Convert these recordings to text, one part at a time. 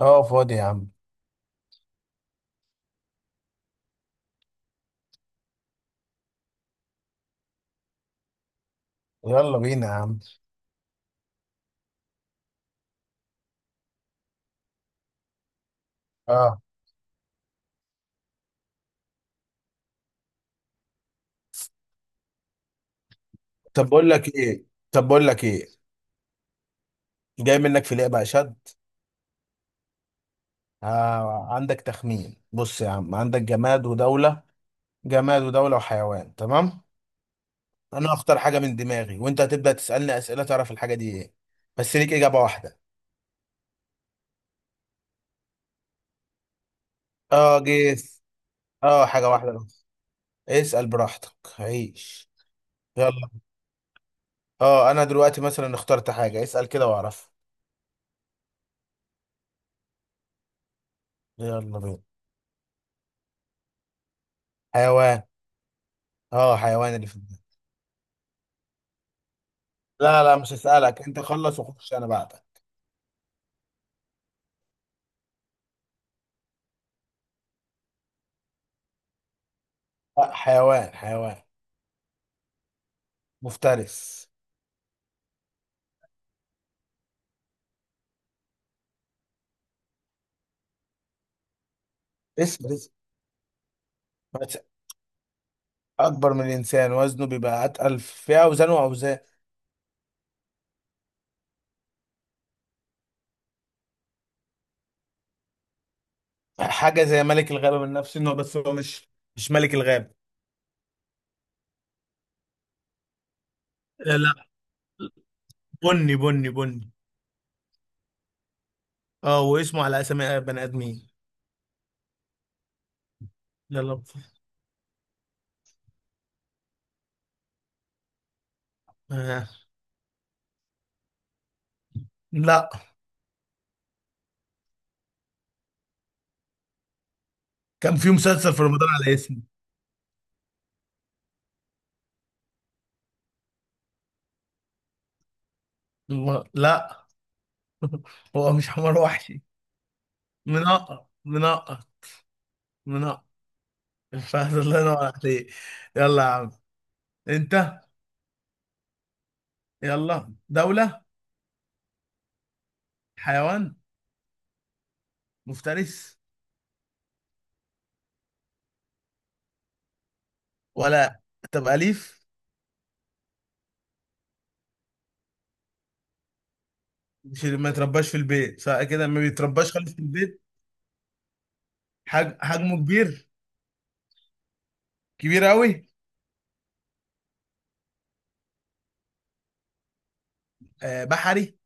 اه، فاضي يا عم. يلا بينا يا عم. اه. طب بقول لك ايه. طب بقول لك ايه جاي منك في لعبة اشد. آه، عندك تخمين. بص يا عم، عندك جماد ودولة. جماد ودولة وحيوان، تمام. انا هختار حاجة من دماغي وانت هتبدأ تسألني أسئلة تعرف الحاجة دي ايه. بس ليك إجابة واحدة. اه جيس. اه، حاجة واحدة بس. اسأل براحتك عيش. يلا. اه انا دلوقتي مثلا اخترت حاجة، اسأل كده واعرف. يلا بينا. حيوان. اه، حيوان اللي في دماغي. لا مش هسألك، انت خلص وخش انا بعدك. لا، حيوان حيوان مفترس. اسم بس. اكبر من الانسان، وزنه بيبقى اتقل في اوزانه واوزان. حاجه زي ملك الغابه، من نفس النوع بس هو مش مش ملك الغابه. آه، لا. بني. اه، واسمه على اسامي بني ادمين. يلا. آه. لا كان في مسلسل في رمضان على اسمه. لا. هو مش حمار وحشي. منقط منقط. منقط. الفهد، الله ينور عليك. يلا يا عم. انت. يلا. دولة. حيوان. مفترس. ولا؟ طب أليف؟ مش ما يترباش في البيت، سواء كده ما بيترباش خالص في البيت. حجمه كبير. كبير قوي. آه. بحري؟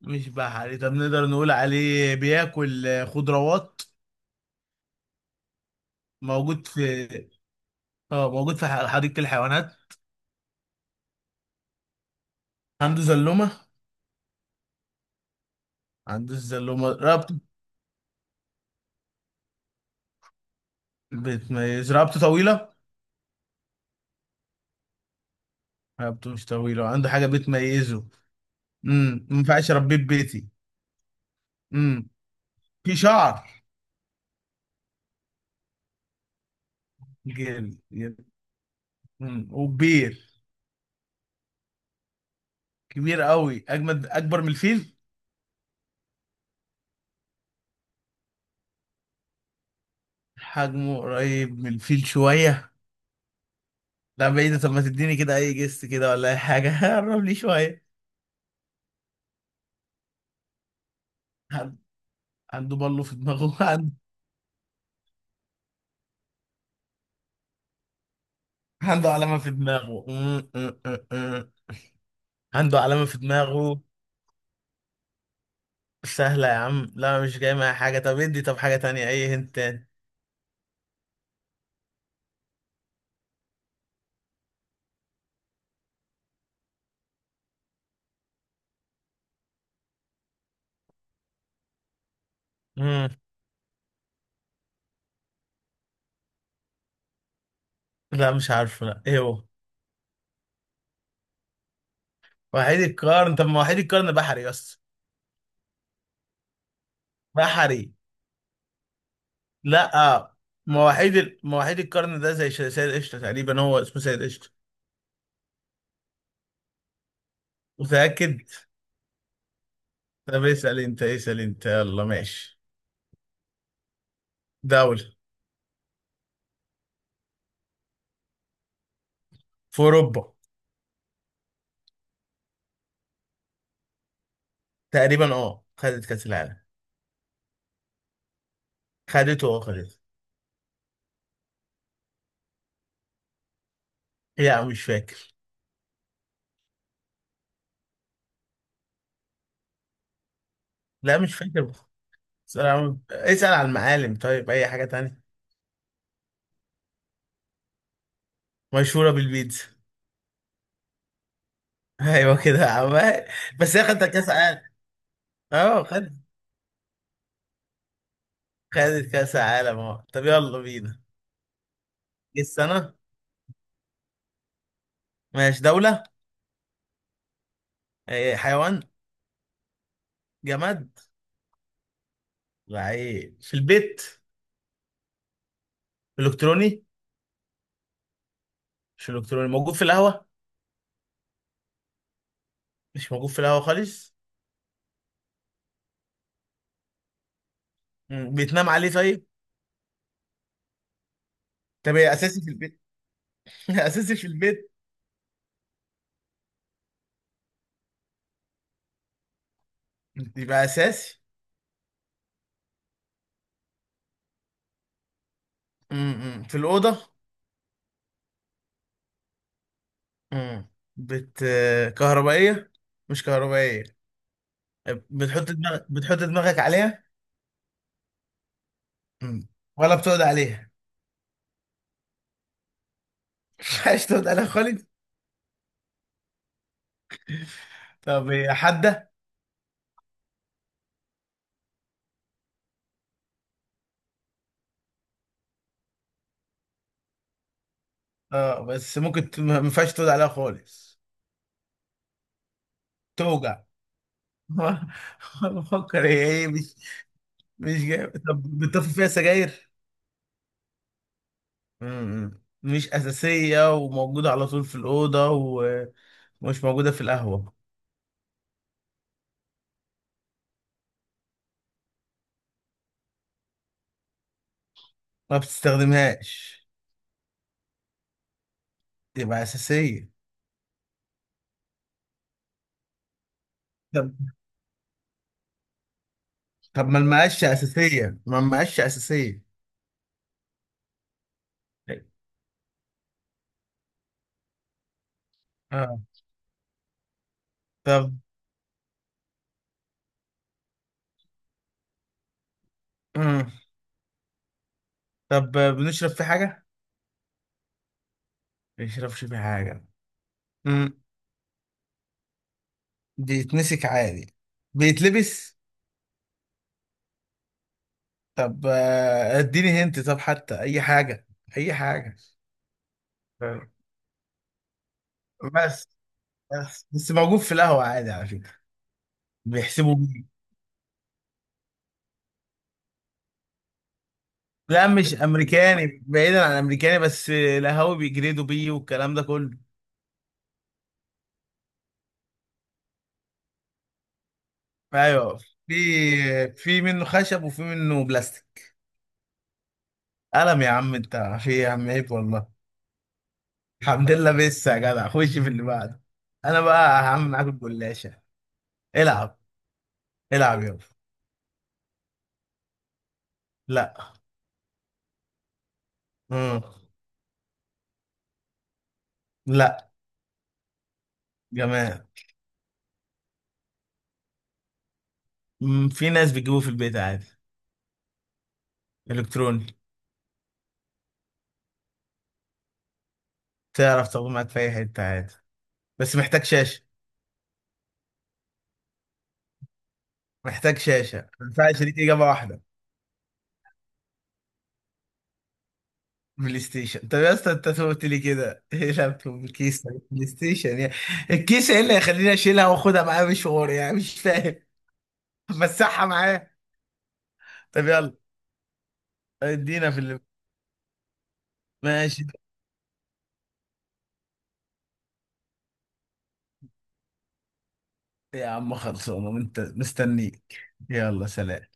مش بحري. طب نقدر نقول عليه بياكل خضروات. موجود في، اه، موجود في حديقة الحيوانات. عنده زلومة. عنده الزلومة، رقبته. بتميز. رقبته طويلة. رقبته مش طويلة، عنده حاجة بتميزه. ما ينفعش اربيه في بيتي. امم في شعر. جامد جامد. مم. وكبير. كبير قوي اجمد، اكبر من الفيل. حجمه قريب من الفيل شويه. لا بعيد. طب ما تديني كده اي جست كده ولا اي حاجه. قرب لي شويه. عن- عنده بالو في دماغه. عنده علامه في دماغه. عنده علامه في دماغه. سهله يا عم؟ لا، مش جاي معايا حاجه. طب ادي، طب حاجه تانية، اي هنت تاني. مم. لا مش عارفه، لا ايه هو؟ وحيد القرن. طب ما وحيد القرن بحري بس. بحري. لا. مواعيد مواعيد القرن ده زي سيد قشطة تقريبا، هو اسمه سيد قشطة. متأكد؟ طب اسأل انت، اسأل انت. يلا ماشي. دولة. في أوروبا. تقريبا اه، خدت كأس العالم. خدته. اه خدته. لا مش فاكر. لا مش فاكر. اسأل عن، اسأل عن المعالم طيب. أي حاجة تانية. مشهورة بالبيتزا. أيوة كده يا عم. بس هي خدت كأس عالم. اه خدت. خدت كأس عالم اه. طب يلا بينا. ايه السنة؟ ماشي. دولة. إيه، حيوان. جماد. لعيب في البيت. الكتروني. مش الكتروني، موجود في القهوه. مش موجود في القهوه خالص. مم. بيتنام عليه طيب. طب إيه اساسي في البيت؟ اساسي في البيت. يبقى اساسي. مم. في الاوضه. مم. بت. كهربائيه. مش كهربائيه. بتحط دماغك، بتحط دماغك عليها. مم. ولا بتقعد عليها؟ مش عايز تقعد عليها خالص. طب هي حاده. اه بس ممكن ما ينفعش تقعد عليها خالص. توجع. بفكر هي ايه. مش جاي. طب بتطفي فيها سجاير؟ مش أساسية، وموجودة على طول في الأوضة، ومش موجودة في القهوة. ما بتستخدمهاش. تبقى أساسية. طب. طب ما المقاشة أساسية، ما المقاشة أساسية. آه. طب. مم. طب بنشرب في حاجة؟ ما بنشربش في حاجة. مم. بيتمسك عادي. بيتلبس؟ طب اديني هنت، طب حتى أي حاجة. أي حاجة. بس. بس موجود في القهوة عادي على فكرة. بيحسبوا بيه. لا مش أمريكاني، بعيدا عن أمريكاني، بس القهاوي بيجريدوا بيه والكلام ده كله. أيوه. في. في منه خشب وفي منه بلاستيك. قلم يا عم أنت. في إيه يا عم، عيب والله. الحمد لله، بس يا جدع خش في اللي بعده. أنا بقى هعمل معاك الجلاشة. العب. العب يابا. لا. مم. لا جماعة. مم، في ناس بتجيبوه في البيت عادي. إلكتروني. تعرف تاخده معاك في أي حتة عادي. بس محتاج شاشة. محتاج شاشة، ما ينفعش ليك إجابة واحدة. بلاي ستيشن. طب يا اسطى انت قلت لي كده، ايه لابتوب الكيس. بلاي ستيشن يعني. الكيس ايه اللي هيخليني اشيلها واخدها معايا مشوار، يعني مش فاهم. مسحها معايا. طب يلا. ادينا في اللي. ماشي. يا عم خلصانه، انت مستنيك. يلا سلام.